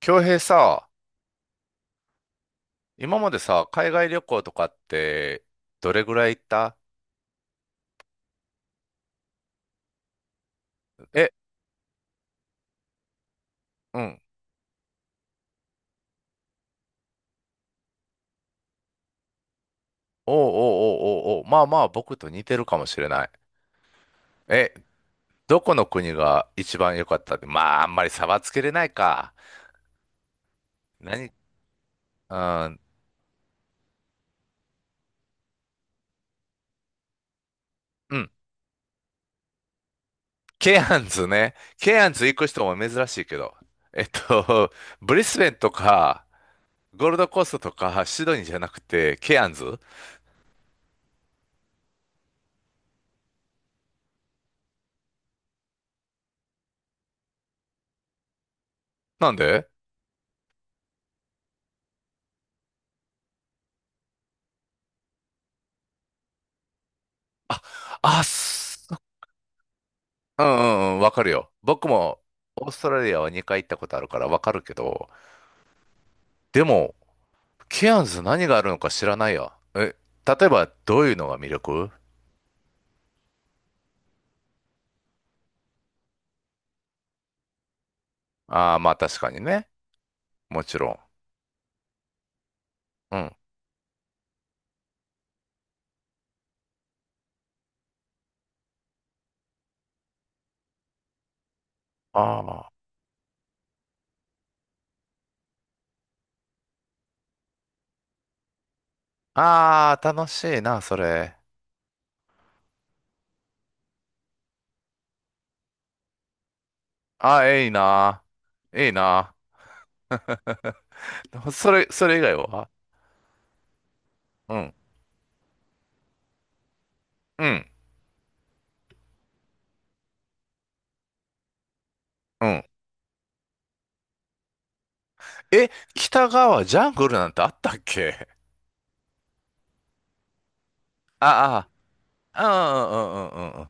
京平さ、今までさ、海外旅行とかって、どれぐらい行った？え、うん。おうおうおうおうおう、まあまあ、僕と似てるかもしれない。え、どこの国が一番良かったって、まあ、あんまり差はつけれないか。何？うん、うん。ケアンズね。ケアンズ行く人も珍しいけど。えっと、ブリスベンとか、ゴールドコーストとか、シドニーじゃなくて、ケアンズなんで？あ、あ、うんうんうん、わかるよ。僕もオーストラリアは2回行ったことあるからわかるけど、でも、ケアンズ何があるのか知らないよ。え、例えばどういうのが魅力？ああー、まあ確かにね。もちろん。うん。ああ。ああ、楽しいな、それ。ああ、いいな。いいな。それ、それ以外は？うん。うん。うん。え、北側ジャングルなんてあったっけ？ああ、ああうんうんうんうんうん。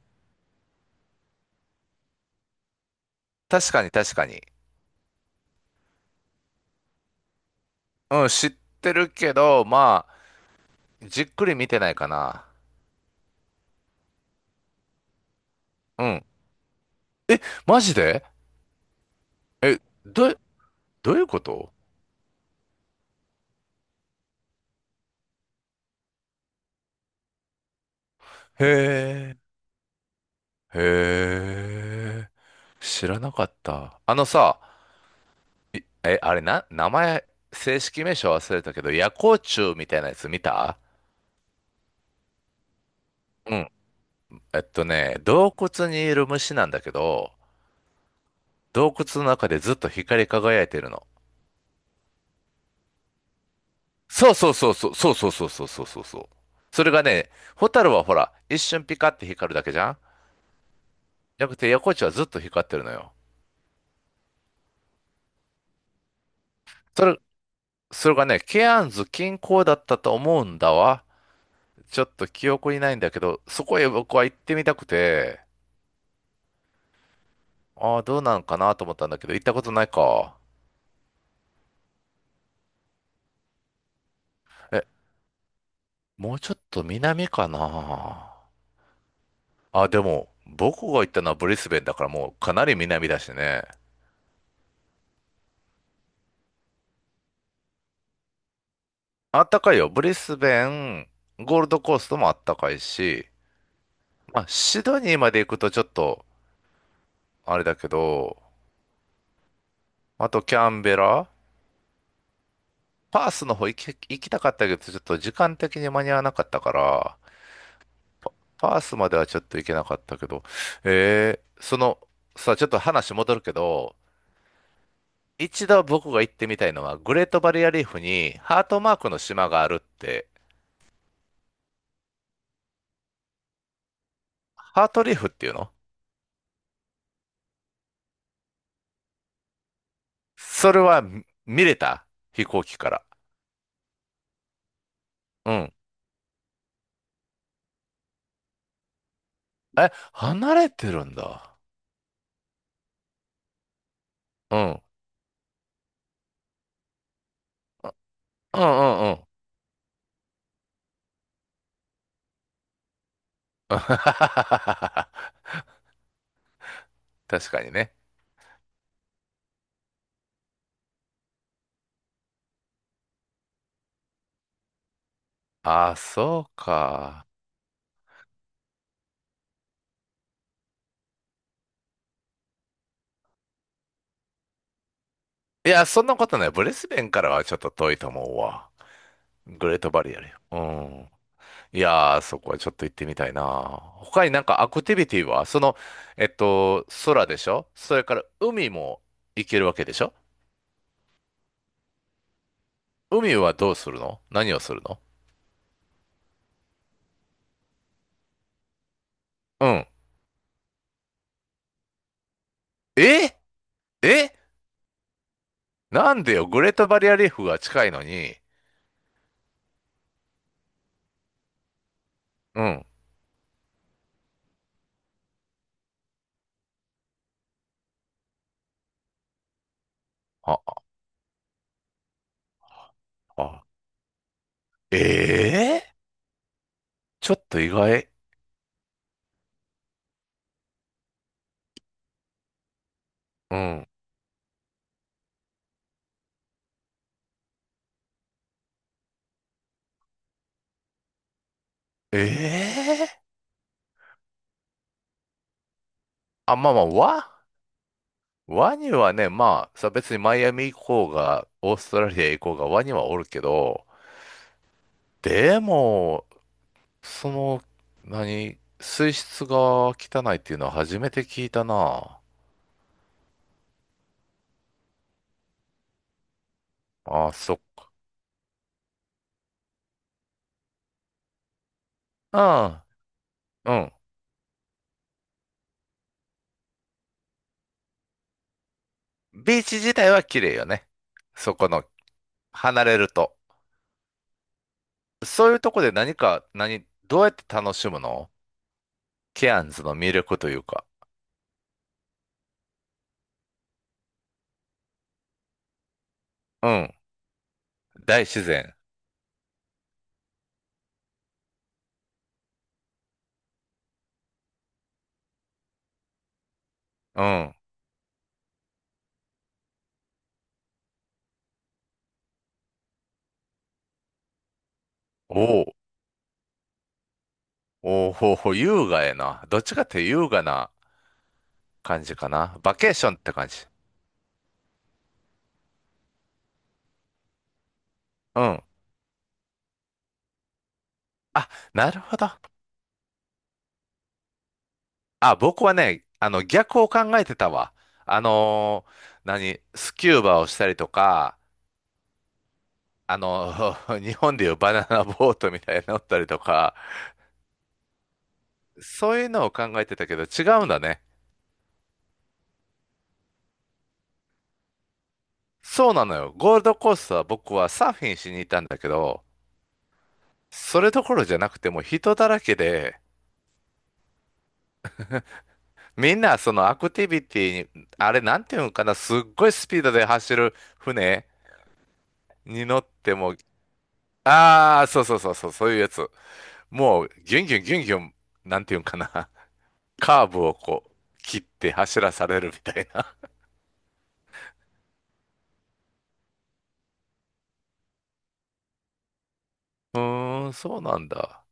確かに確かに。うん、知ってるけど、まあ、じっくり見てないかな。うん。マジで？え、ど、どういうこと？へえ、へえ、知らなかった。あのさ、いえ、あれな、名前、正式名称忘れたけど、夜光虫みたいなやつ見た？うん。えっとね、洞窟にいる虫なんだけど、洞窟の中でずっと光り輝いてるの。そうそうそうそうそうそうそうそうそうそうそう。それがね、ホタルはほら、一瞬ピカって光るだけじゃん？じゃなくて、横地はずっと光ってるのよ。それ、それがね、ケアンズ近郊だったと思うんだわ。ちょっと記憶にないんだけど、そこへ僕は行ってみたくて、ああ、どうなんかなと思ったんだけど、行ったことないか。え、もうちょっと南かな。あ、でも、僕が行ったのはブリスベンだからもうかなり南だしね。あったかいよ。ブリスベン、ゴールドコーストもあったかいし、まあ、シドニーまで行くとちょっと、あれだけど、あとキャンベラ、パースの方行き、行きたかったけど、ちょっと時間的に間に合わなかったから、パースまではちょっと行けなかったけど、その、さちょっと話戻るけど、一度僕が行ってみたいのは、グレートバリアリーフにハートマークの島があるって、ハートリーフっていうの？それは見れた？飛行機から。うん。え、離れてるんだ。うん。あ、うんうんうん。確かにね。あ、そうか。いや、そんなことない。ブリスベンからはちょっと遠いと思うわ。グレートバリアルよ。うん。いやー、そこはちょっと行ってみたいな。他になんかアクティビティは、その、空でしょ？それから海も行けるわけでしょ？海はどうするの？何をするの？うん。ええ、なんでよ、グレートバリアリーフが近いのに。うん。あ、ええ、ちょっと意外。うん。ええ、あ、まあまあ、ワ、ワニはね、まあ、さ、別にマイアミ行こうが、オーストラリア行こうが、ワニはおるけど、でも、その、何、水質が汚いっていうのは初めて聞いたな。あ、そ、うん、うん。ビーチ自体は綺麗よね。そこの、離れると。そういうとこで何か、何、どうやって楽しむの？ケアンズの魅力というか。うん。大自然。うん。お、お、おうほうほう、優雅やな。どっちかって優雅な感じかな。バケーションって感じ。うん。あ、なるほど。あ、僕はね、あの、逆を考えてたわ。何、スキューバをしたりとか、あの 日本でいうバナナボートみたいに乗ったりとか、そういうのを考えてたけど違うんだね。そうなのよ。ゴールドコーストは僕はサーフィンしに行ったんだけど、それどころじゃなくてもう人だらけで、みんなそのアクティビティに、あれなんていうのかな、すっごいスピードで走る船に乗っても、ああ、そうそうそうそう、そういうやつ。もうギュンギュンギュンギュン、なんていうんかな、カーブをこう切って走らされるみたいな。うーん、そうなんだ。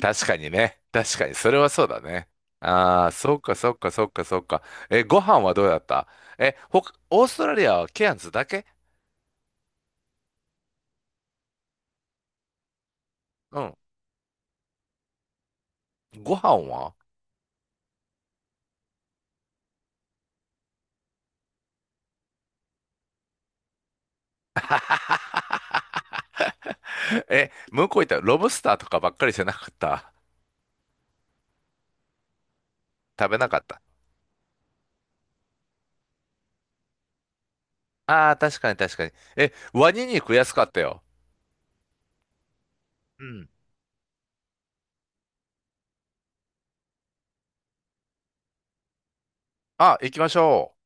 確かにね。確かに、それはそうだね。ああ、そっかそっかそっかそっか。え、ご飯はどうだった？え、ほか、オーストラリアはケアンズだけ？うん。ご飯は？ え、向こう行ったらロブスターとかばっかりじゃなかった。食べなかった？ああー、確かに確かに。え、ワニ肉安かったよ。うん。あ、行きましょう。